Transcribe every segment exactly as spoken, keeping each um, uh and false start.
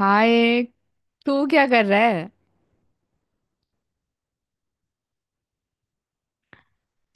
हाय। तू क्या कर रहा है?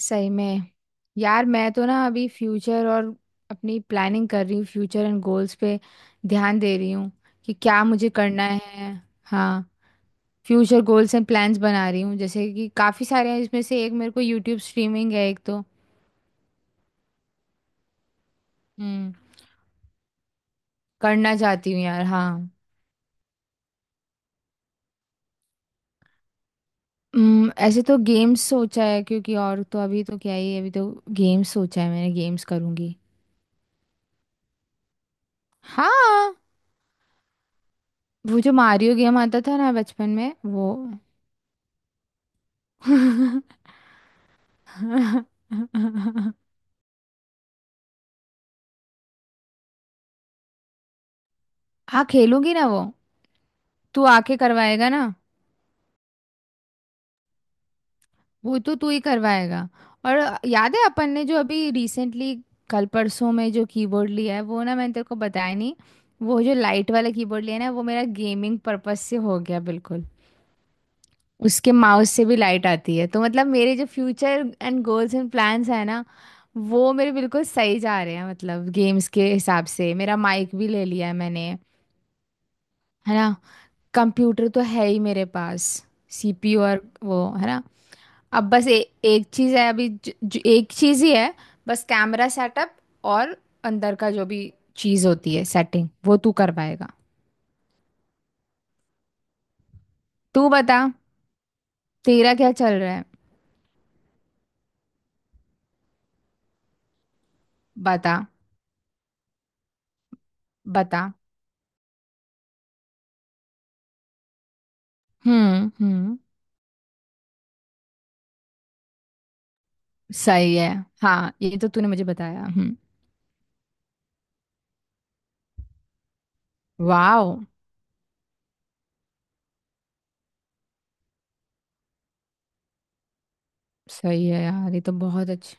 सही में? यार मैं तो ना अभी फ्यूचर और अपनी प्लानिंग कर रही हूँ, फ्यूचर एंड गोल्स पे ध्यान दे रही हूँ कि क्या मुझे करना है। हाँ। फ्यूचर गोल्स एंड प्लान्स बना रही हूँ, जैसे कि काफ़ी सारे हैं। इसमें से एक मेरे को यूट्यूब स्ट्रीमिंग है, एक तो। हम्म। करना चाहती हूँ यार, हाँ। हम्म, ऐसे तो गेम्स सोचा है, क्योंकि और तो अभी तो क्या ही है, अभी तो गेम्स सोचा है मैंने, गेम्स करूँगी। हाँ। वो जो मारियो गेम आता था ना बचपन में, वो। हाँ, खेलूंगी ना वो। तू आके करवाएगा ना? वो तो तू ही करवाएगा। और याद है अपन ने जो अभी रिसेंटली, कल परसों में जो कीबोर्ड लिया है वो, ना मैंने तेरे को बताया नहीं। वो जो लाइट वाला कीबोर्ड लिया है ना, वो मेरा गेमिंग पर्पस से हो गया बिल्कुल। उसके माउस से भी लाइट आती है, तो मतलब मेरे जो future and goals and plans है ना, वो मेरे बिल्कुल सही जा रहे हैं। मतलब गेम्स के हिसाब से मेरा माइक भी ले लिया है मैंने, है ना। कंप्यूटर तो है ही मेरे पास, सी पी यू और वो, है ना। अब बस ए, एक चीज़ है अभी, ज, ज, एक चीज़ ही है, बस कैमरा सेटअप और अंदर का जो भी चीज़ होती है सेटिंग, वो तू कर पाएगा। तू बता, तेरा क्या चल रहा है। बता, बता। हम्म हम्म। सही है, हाँ ये तो तूने मुझे बताया। हम्म। वाओ। सही है यार, ये तो बहुत अच्छा।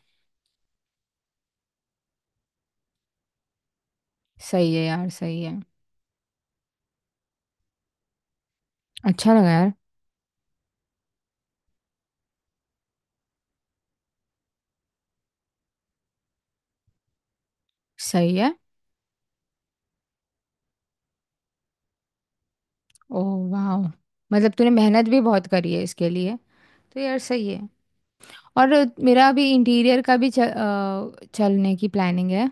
सही है यार सही है। अच्छा लगा यार। सही है। ओ। वाओ। मतलब तूने मेहनत भी बहुत करी है इसके लिए। तो यार सही है। और मेरा अभी इंटीरियर का भी चल, अ, चलने की प्लानिंग है।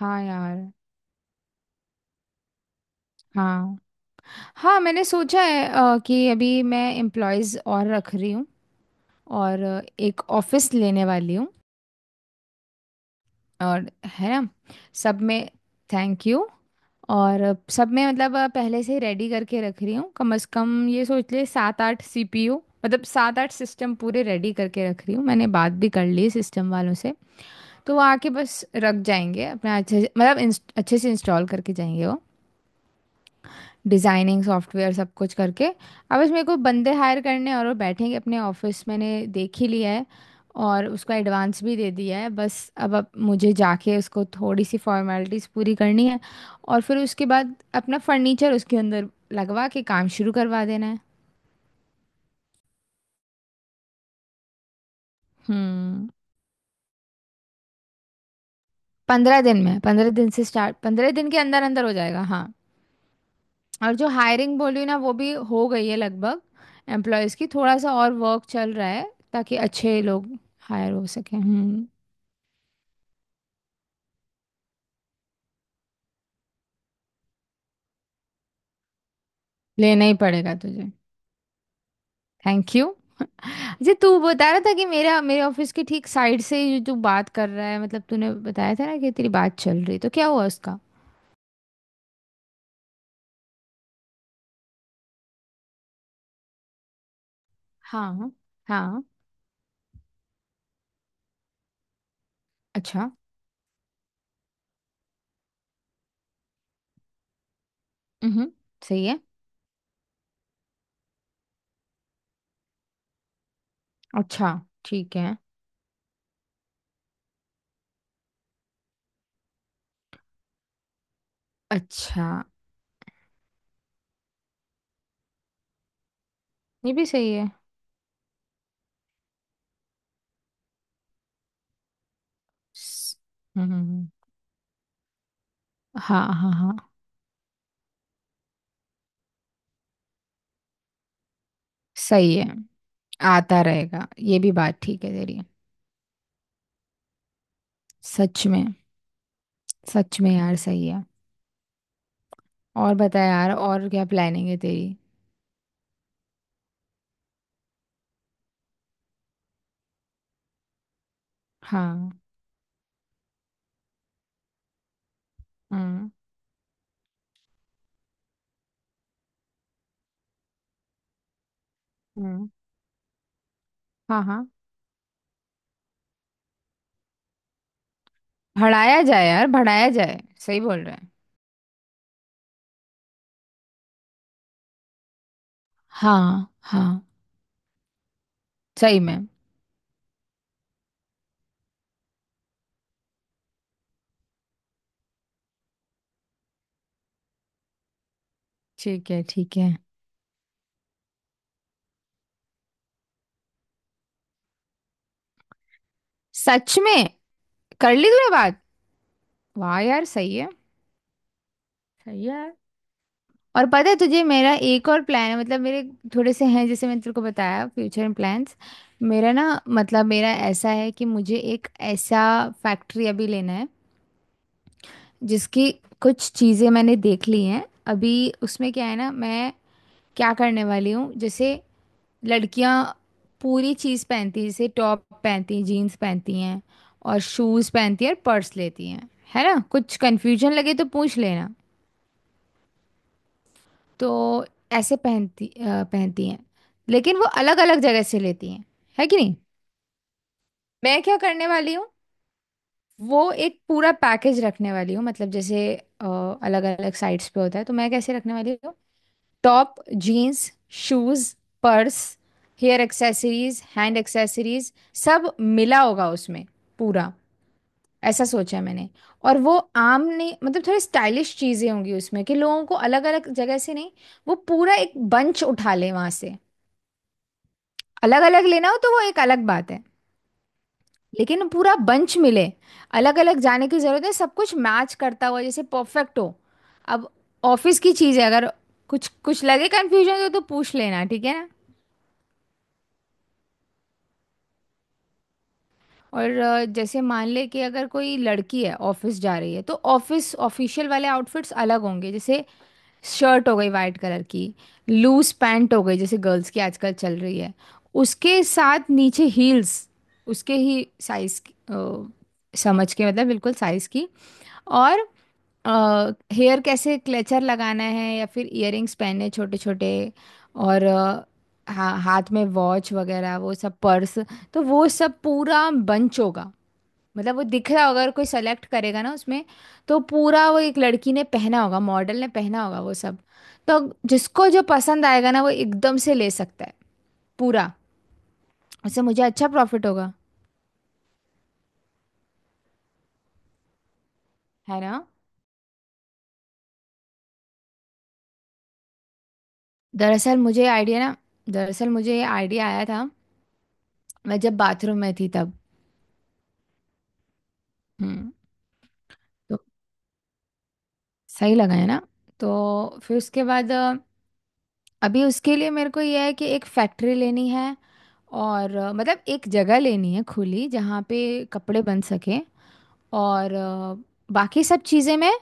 हाँ यार। हाँ हाँ, मैंने सोचा है अ, कि अभी मैं एम्प्लॉयज़ और रख रही हूँ। और अ, एक ऑफिस लेने वाली हूँ। और है ना, सब में। Thank you. और सब में मतलब अ, पहले से ही रेडी करके रख रही हूँ। कम से कम ये सोच ले, सात आठ सी पी यू, मतलब सात आठ सिस्टम पूरे रेडी करके रख रही हूँ। मैंने बात भी कर ली सिस्टम वालों से। तो वो आके बस रख जाएंगे अपना अच्छे से, मतलब इंस- अच्छे से इंस्टॉल करके जाएंगे वो। डिजाइनिंग सॉफ्टवेयर सब कुछ करके अब इसमें मेरे को बंदे हायर करने हैं, और वो बैठेंगे अपने ऑफिस, मैंने देख ही लिया है। और उसका एडवांस भी दे दिया है। बस अब अब मुझे जाके उसको थोड़ी सी फॉर्मेलिटीज पूरी करनी है। और फिर उसके बाद अपना फर्नीचर उसके अंदर लगवा के काम शुरू करवा देना है। हम्म। पंद्रह दिन में, पंद्रह दिन से स्टार्ट, पंद्रह दिन के अंदर अंदर हो जाएगा, हाँ। और जो हायरिंग बोली ना वो भी हो गई है लगभग। एम्प्लॉयज की थोड़ा सा और वर्क चल रहा है, ताकि अच्छे लोग हायर हो सके। हम्म। लेना ही पड़ेगा तुझे। थैंक यू जी। तू बता रहा था कि मेरा, मेरे ऑफिस के ठीक साइड से ही जो तू बात कर रहा है, मतलब तूने बताया था ना कि तेरी बात चल रही, तो क्या हुआ उसका? हाँ हाँ। अच्छा। हम्म। सही है। अच्छा ठीक है। अच्छा, ये भी सही है। स- हम्म हम्म, हम्म। हाँ हाँ हाँ। सही है। आता रहेगा, ये भी बात ठीक है तेरी। सच में। सच में यार सही है। और बता यार, और क्या प्लानिंग है तेरी? हाँ। हम्म हम्म। हाँ हाँ। बढ़ाया जाए यार बढ़ाया जाए, सही बोल रहा है। हाँ हाँ। सही में। ठीक है ठीक है। सच में। कर ली तूने बात। वाह यार सही है। सही है। और पता है तुझे, मेरा एक और प्लान है। मतलब मेरे थोड़े से हैं, जैसे मैंने तेरे को बताया, फ्यूचर प्लान्स। मेरा ना, मतलब मेरा ऐसा है कि मुझे एक ऐसा फैक्ट्री अभी लेना है, जिसकी कुछ चीज़ें मैंने देख ली हैं अभी। उसमें क्या है ना, मैं क्या करने वाली हूँ, जैसे लड़कियाँ पूरी चीज़ पहनती हैं, जैसे टॉप पहनती हैं, जीन्स पहनती हैं और शूज़ पहनती हैं और पर्स लेती हैं, है ना? कुछ कन्फ्यूजन लगे तो पूछ लेना। तो ऐसे पहनती अ, पहनती हैं। लेकिन वो अलग अलग जगह से लेती हैं, है कि नहीं। मैं क्या करने वाली हूँ, वो एक पूरा पैकेज रखने वाली हूँ। मतलब जैसे अलग अलग साइट्स पे होता है, तो मैं कैसे रखने वाली हूँ: top, jeans, shoes, purse, hair accessories, hand accessories, सब मिला होगा उसमें पूरा। ऐसा सोचा है मैंने। और वो आम नहीं, मतलब थोड़ी स्टाइलिश चीज़ें होंगी उसमें, कि लोगों को अलग अलग जगह से नहीं, वो पूरा एक बंच उठा ले वहां से। अलग अलग लेना हो तो वो एक अलग बात है, लेकिन पूरा बंच मिले, अलग अलग जाने की जरूरत है, सब कुछ मैच करता हुआ जैसे परफेक्ट हो। अब ऑफिस की चीज़ है, अगर कुछ कुछ लगे कंफ्यूजन तो, तो पूछ लेना, ठीक है ना? और अ, जैसे मान ले कि अगर कोई लड़की है ऑफिस जा रही है, तो ऑफिस ऑफिशियल वाले आउटफिट्स अलग होंगे, जैसे शर्ट हो गई वाइट कलर की, लूज पैंट हो गई जैसे गर्ल्स की आजकल चल रही है, उसके साथ नीचे हील्स, उसके ही साइज, समझ के मतलब बिल्कुल साइज की। और हेयर कैसे क्लेचर लगाना है या फिर इयररिंग्स पहने छोटे छोटे। और अ, हा, हाथ में वॉच वगैरह वो सब, पर्स। तो वो सब पूरा बंच होगा, मतलब वो दिख रहा होगा अगर कोई सेलेक्ट करेगा ना उसमें। तो पूरा वो एक लड़की ने पहना होगा, मॉडल ने पहना होगा वो सब। तो जिसको जो पसंद आएगा ना, वो एकदम से ले सकता है पूरा। उससे मुझे अच्छा प्रॉफिट होगा। है ना? दरअसल मुझे आइडिया ना, दरअसल मुझे ये आइडिया आया था, मैं जब बाथरूम में थी तब। हम्म। तो सही लगा है ना? तो फिर उसके बाद अ, अभी उसके लिए मेरे को यह है कि एक फैक्ट्री लेनी है। और अ, मतलब एक जगह लेनी है खुली, जहाँ पे कपड़े बन सके। और अ, बाकी सब चीज़ें मैं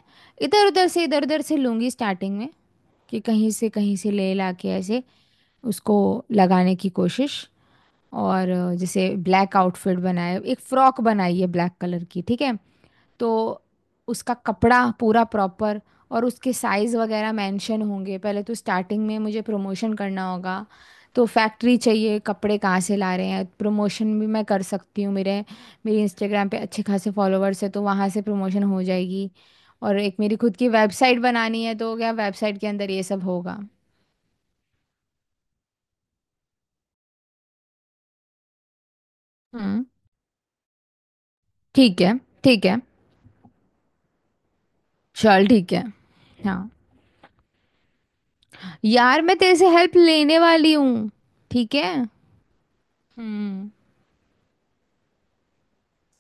इधर उधर से, इधर उधर से लूँगी स्टार्टिंग में, कि कहीं से कहीं से ले ला के, ऐसे उसको लगाने की कोशिश। और अ, जैसे ब्लैक आउटफिट बनाए, एक फ्रॉक बनाई है ब्लैक कलर की, ठीक है। तो उसका कपड़ा पूरा प्रॉपर, और उसके साइज़ वगैरह मेंशन होंगे। पहले तो स्टार्टिंग में मुझे प्रमोशन करना होगा, तो फैक्ट्री चाहिए, कपड़े कहाँ से ला रहे हैं, प्रमोशन भी मैं कर सकती हूँ। मेरे, मेरी इंस्टाग्राम पे अच्छे खासे फॉलोअर्स है, तो वहाँ से प्रमोशन हो जाएगी। और एक मेरी खुद की वेबसाइट बनानी है, तो क्या वेबसाइट के अंदर ये सब होगा। हम्म। ठीक है ठीक है। चल ठीक है। हाँ यार, मैं तेरे से हेल्प लेने वाली हूँ। ठीक है। हम्म।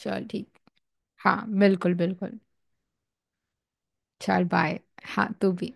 चल ठीक। हाँ बिल्कुल बिल्कुल। चल बाय। हाँ तू भी।